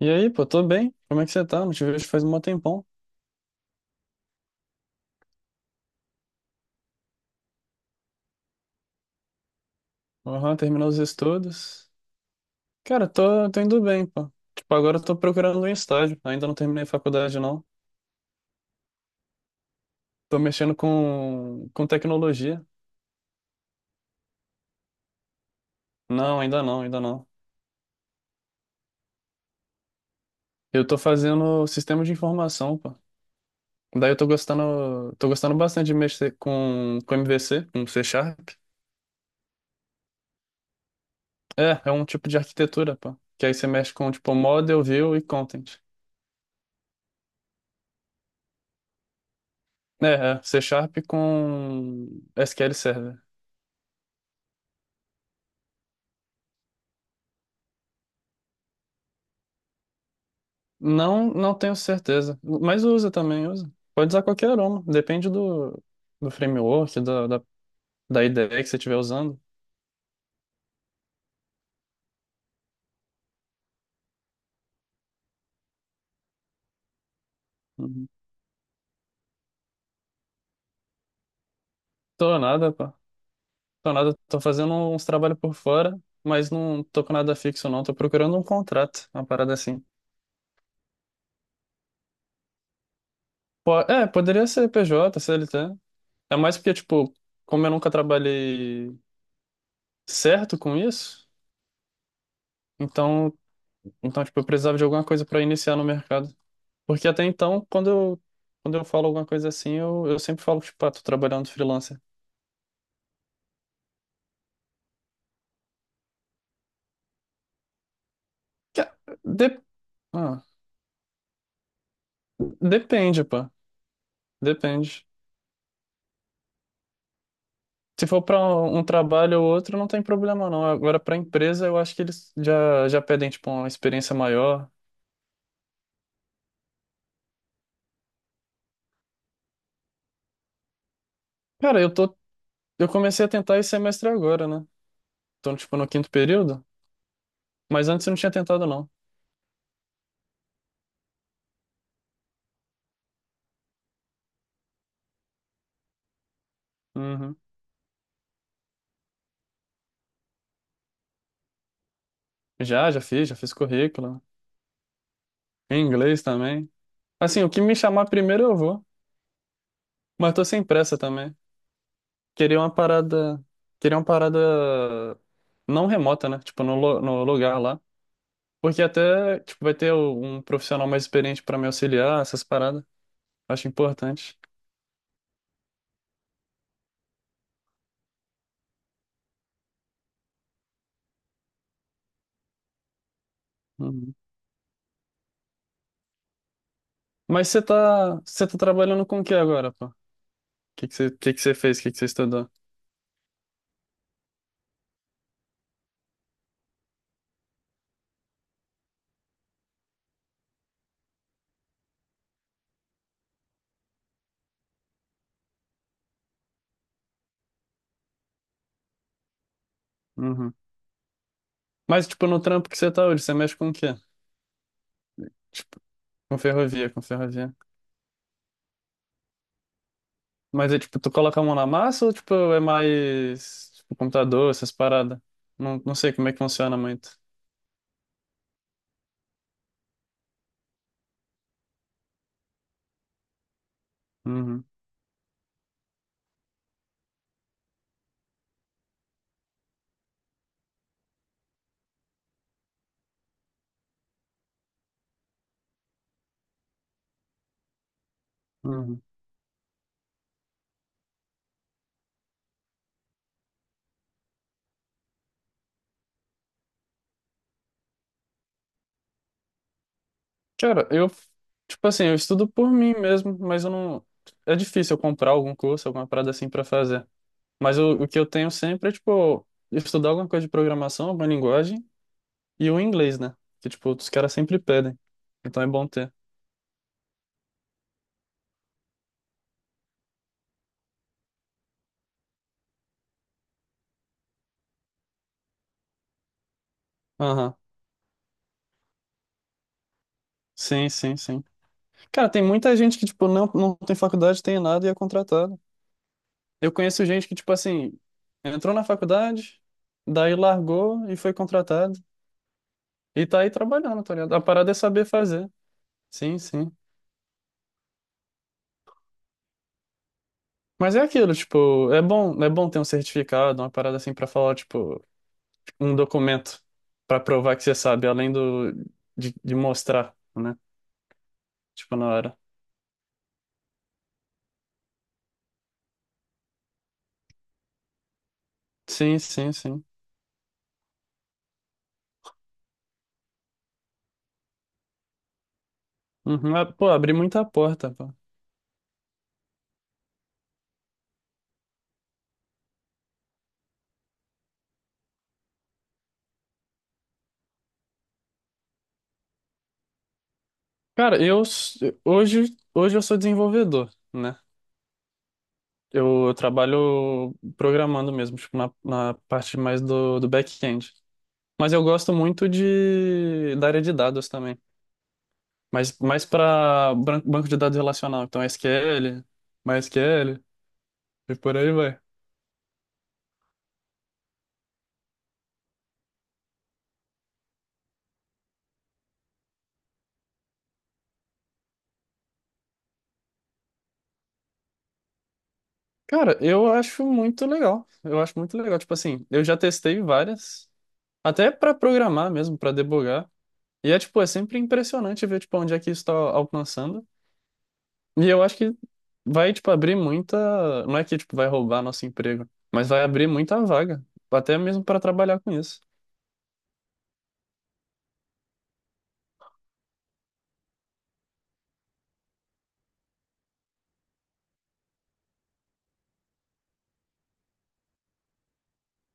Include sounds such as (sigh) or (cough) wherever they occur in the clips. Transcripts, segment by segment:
E aí, pô, tô bem. Como é que você tá? Não te vejo faz um tempão. Aham, terminou os estudos. Cara, tô indo bem, pô. Tipo, agora eu tô procurando um estágio. Ainda não terminei faculdade, não. Tô mexendo com tecnologia. Não, ainda não, ainda não. Eu tô fazendo sistema de informação, pô. Daí eu tô gostando bastante de mexer com MVC, com C Sharp. É, é um tipo de arquitetura, pô. Que aí você mexe com, tipo, model, view e content. É, C Sharp com SQL Server. Não, não tenho certeza. Mas usa também, usa. Pode usar qualquer aroma. Depende do framework, da IDE que você estiver usando. Uhum. Tô nada, pô. Tô nada. Tô fazendo uns trabalhos por fora, mas não tô com nada fixo, não. Tô procurando um contrato, uma parada assim. É, poderia ser PJ, CLT. É mais porque, tipo, como eu nunca trabalhei certo com isso, então, então tipo, eu precisava de alguma coisa para iniciar no mercado. Porque até então, quando eu falo alguma coisa assim, eu sempre falo, tipo, ah, tô trabalhando freelancer. Que- ah, de- ah, depende, pô. Depende. Se for para um trabalho ou outro, não tem problema, não. Agora, para empresa, eu acho que eles já pedem, tipo, uma experiência maior. Cara, eu tô, eu comecei a tentar esse semestre agora, né? Tô, tipo, no quinto período, mas antes eu não tinha tentado, não. Uhum. Já fiz currículo. Em inglês também. Assim, o que me chamar primeiro eu vou, mas tô sem pressa também. Queria uma parada. Queria uma parada não remota, né? Tipo, no lugar lá. Porque até, tipo, vai ter um profissional mais experiente pra me auxiliar, essas paradas. Acho importante. Uhum. Mas você tá trabalhando com o que agora, pô? O que que você fez? O que que você estudou? Uhum. Mas, tipo, no trampo que você tá hoje, você mexe com o quê? Tipo, com ferrovia. Mas é tipo, tu coloca a mão na massa ou tipo, é mais tipo, computador, essas paradas? Não, não sei como é que funciona muito. Uhum, uhum. Cara, eu, tipo assim, eu estudo por mim mesmo, mas eu não. É difícil eu comprar algum curso, alguma parada assim pra fazer. Mas o que eu tenho sempre é, tipo, estudar alguma coisa de programação, alguma linguagem e o inglês, né? Que, tipo, os caras sempre pedem. Então é bom ter. Aham. Sim, sim, sim. Cara, tem muita gente que, tipo, não tem faculdade, tem nada e é contratada. Eu conheço gente que, tipo assim, entrou na faculdade, daí largou e foi contratado. E tá aí trabalhando, tá ligado? A parada é saber fazer. Sim, sim. Mas é aquilo, tipo, é bom ter um certificado, uma parada assim pra falar, tipo, um documento pra provar que você sabe, além do de mostrar, né? Tipo, na hora. Sim, sim, sim. Uhum. Ah, pô, abri muita porta, pô. Cara, eu s- hoje, hoje eu sou desenvolvedor, né? Eu, trabalho programando mesmo, tipo, na parte mais do back-end. Mas eu gosto muito de, da área de dados também. Mas mais para banco de dados relacional. Então, SQL, MySQL e por aí vai. Cara, eu acho muito legal. Eu acho muito legal. Tipo assim, eu já testei várias, até para programar mesmo, para debugar. E é, tipo, é sempre impressionante ver, tipo, onde é que isso está alcançando. E eu acho que vai, tipo, abrir muita. Não é que, tipo, vai roubar nosso emprego, mas vai abrir muita vaga, até mesmo para trabalhar com isso.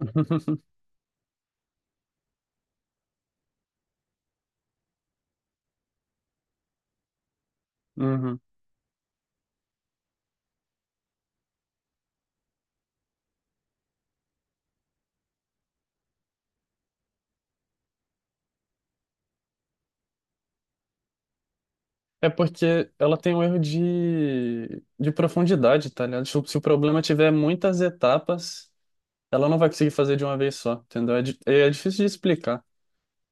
(laughs) Uhum. É porque ela tem um erro de profundidade, tá ligado? Tipo, se o problema tiver muitas etapas, ela não vai conseguir fazer de uma vez só, entendeu? É difícil de explicar.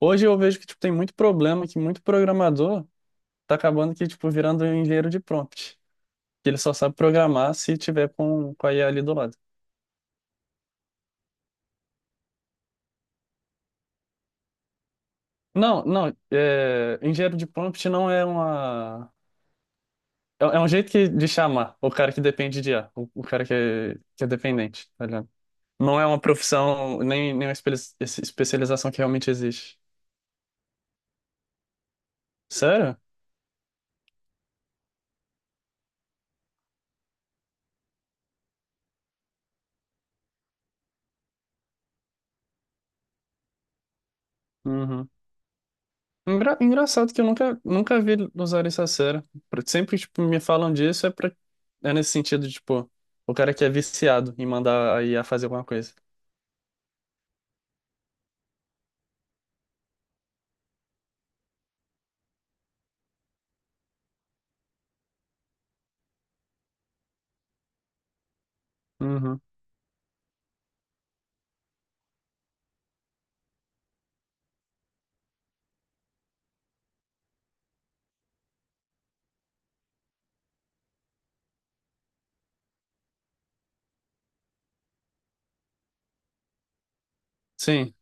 Hoje eu vejo que, tipo, tem muito problema, que muito programador tá acabando que, tipo, virando engenheiro de prompt. Que ele só sabe programar se tiver com a IA ali do lado. Não, não, é, engenheiro de prompt não é uma. É, é um jeito que, de chamar o cara que depende de IA, o cara que é dependente, tá ligado? Não é uma profissão, nem uma especialização que realmente existe. Sério? Uhum. Engraçado que eu nunca vi usar isso a sério. Sempre que tipo, me falam disso é, pra, é nesse sentido, tipo, o cara que é viciado em mandar a IA fazer alguma coisa. Uhum. Sim,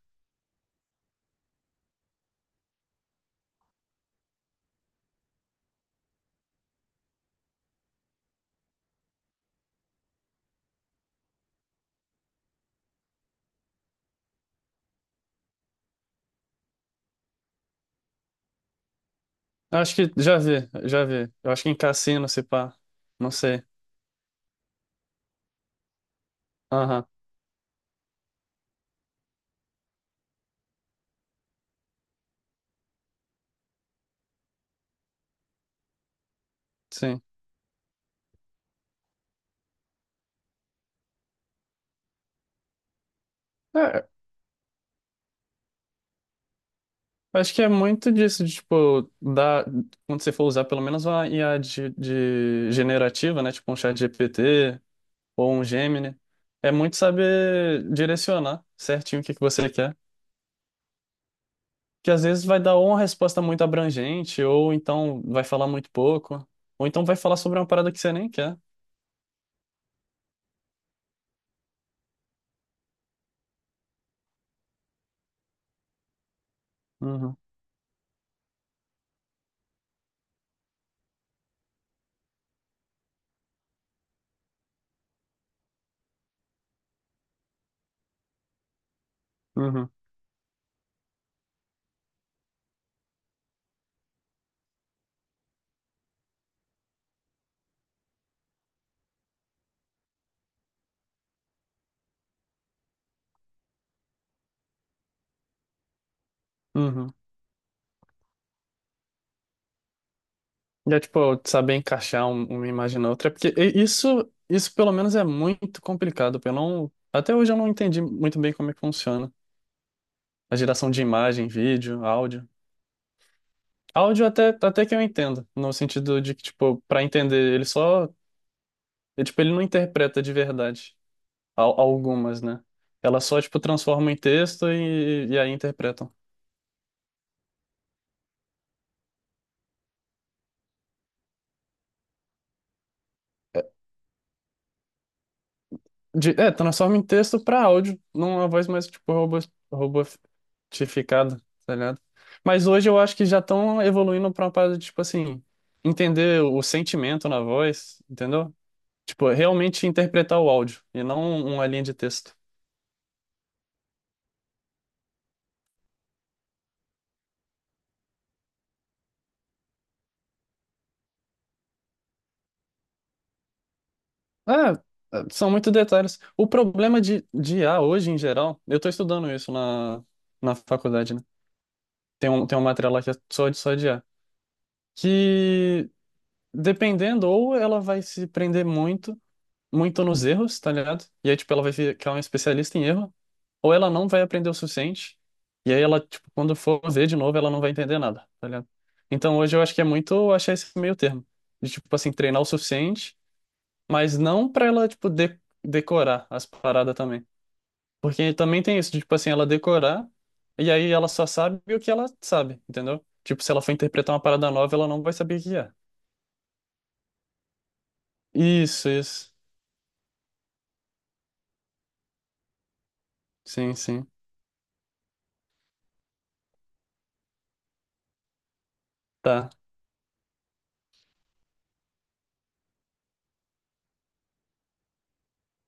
acho que já vi, já vi. Eu acho que em cassino, se pá, não sei. Aham, sim. É, acho que é muito disso, quando você for usar pelo menos uma IA de generativa, né? Tipo um chat GPT ou um Gemini, é muito saber direcionar certinho o que que você quer. Que às vezes vai dar ou uma resposta muito abrangente, ou então vai falar muito pouco, ou então vai falar sobre uma parada que você nem quer. Uhum, uhum, uhum. E é tipo, saber encaixar uma imagem na outra, porque isso, isso pelo menos é muito complicado. Porque eu não, até hoje eu não entendi muito bem como é que funciona. A geração de imagem, vídeo, áudio. Áudio até que eu entendo, no sentido de que, tipo, para entender, ele, tipo, ele não interpreta de verdade algumas, né? Ela só, tipo, transforma em texto e aí interpreta. É, transforma em texto pra áudio, numa voz mais tipo robô, robotificada, tá ligado? Mas hoje eu acho que já estão evoluindo pra uma parada de, tipo assim, entender o sentimento na voz, entendeu? Tipo, realmente interpretar o áudio e não uma linha de texto. É, é, são muito detalhes. O problema de IA hoje, em geral, eu tô estudando isso na faculdade, né? Tem uma matéria lá que é só de IA. Que dependendo, ou ela vai se prender muito, muito nos erros, tá ligado? E aí, tipo, ela vai ver que ela é uma especialista em erro, ou ela não vai aprender o suficiente, e aí ela, tipo, quando for ver de novo, ela não vai entender nada, tá ligado? Então hoje eu acho que é muito achar esse meio termo, de, tipo, assim, treinar o suficiente, mas não pra ela, tipo, de decorar as paradas também. Porque também tem isso, de, tipo, assim, ela decorar, e aí ela só sabe o que ela sabe, entendeu? Tipo, se ela for interpretar uma parada nova, ela não vai saber o que é. Isso, isso. Sim, sim. Tá.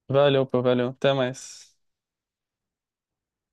Valeu, pô, valeu. Até mais.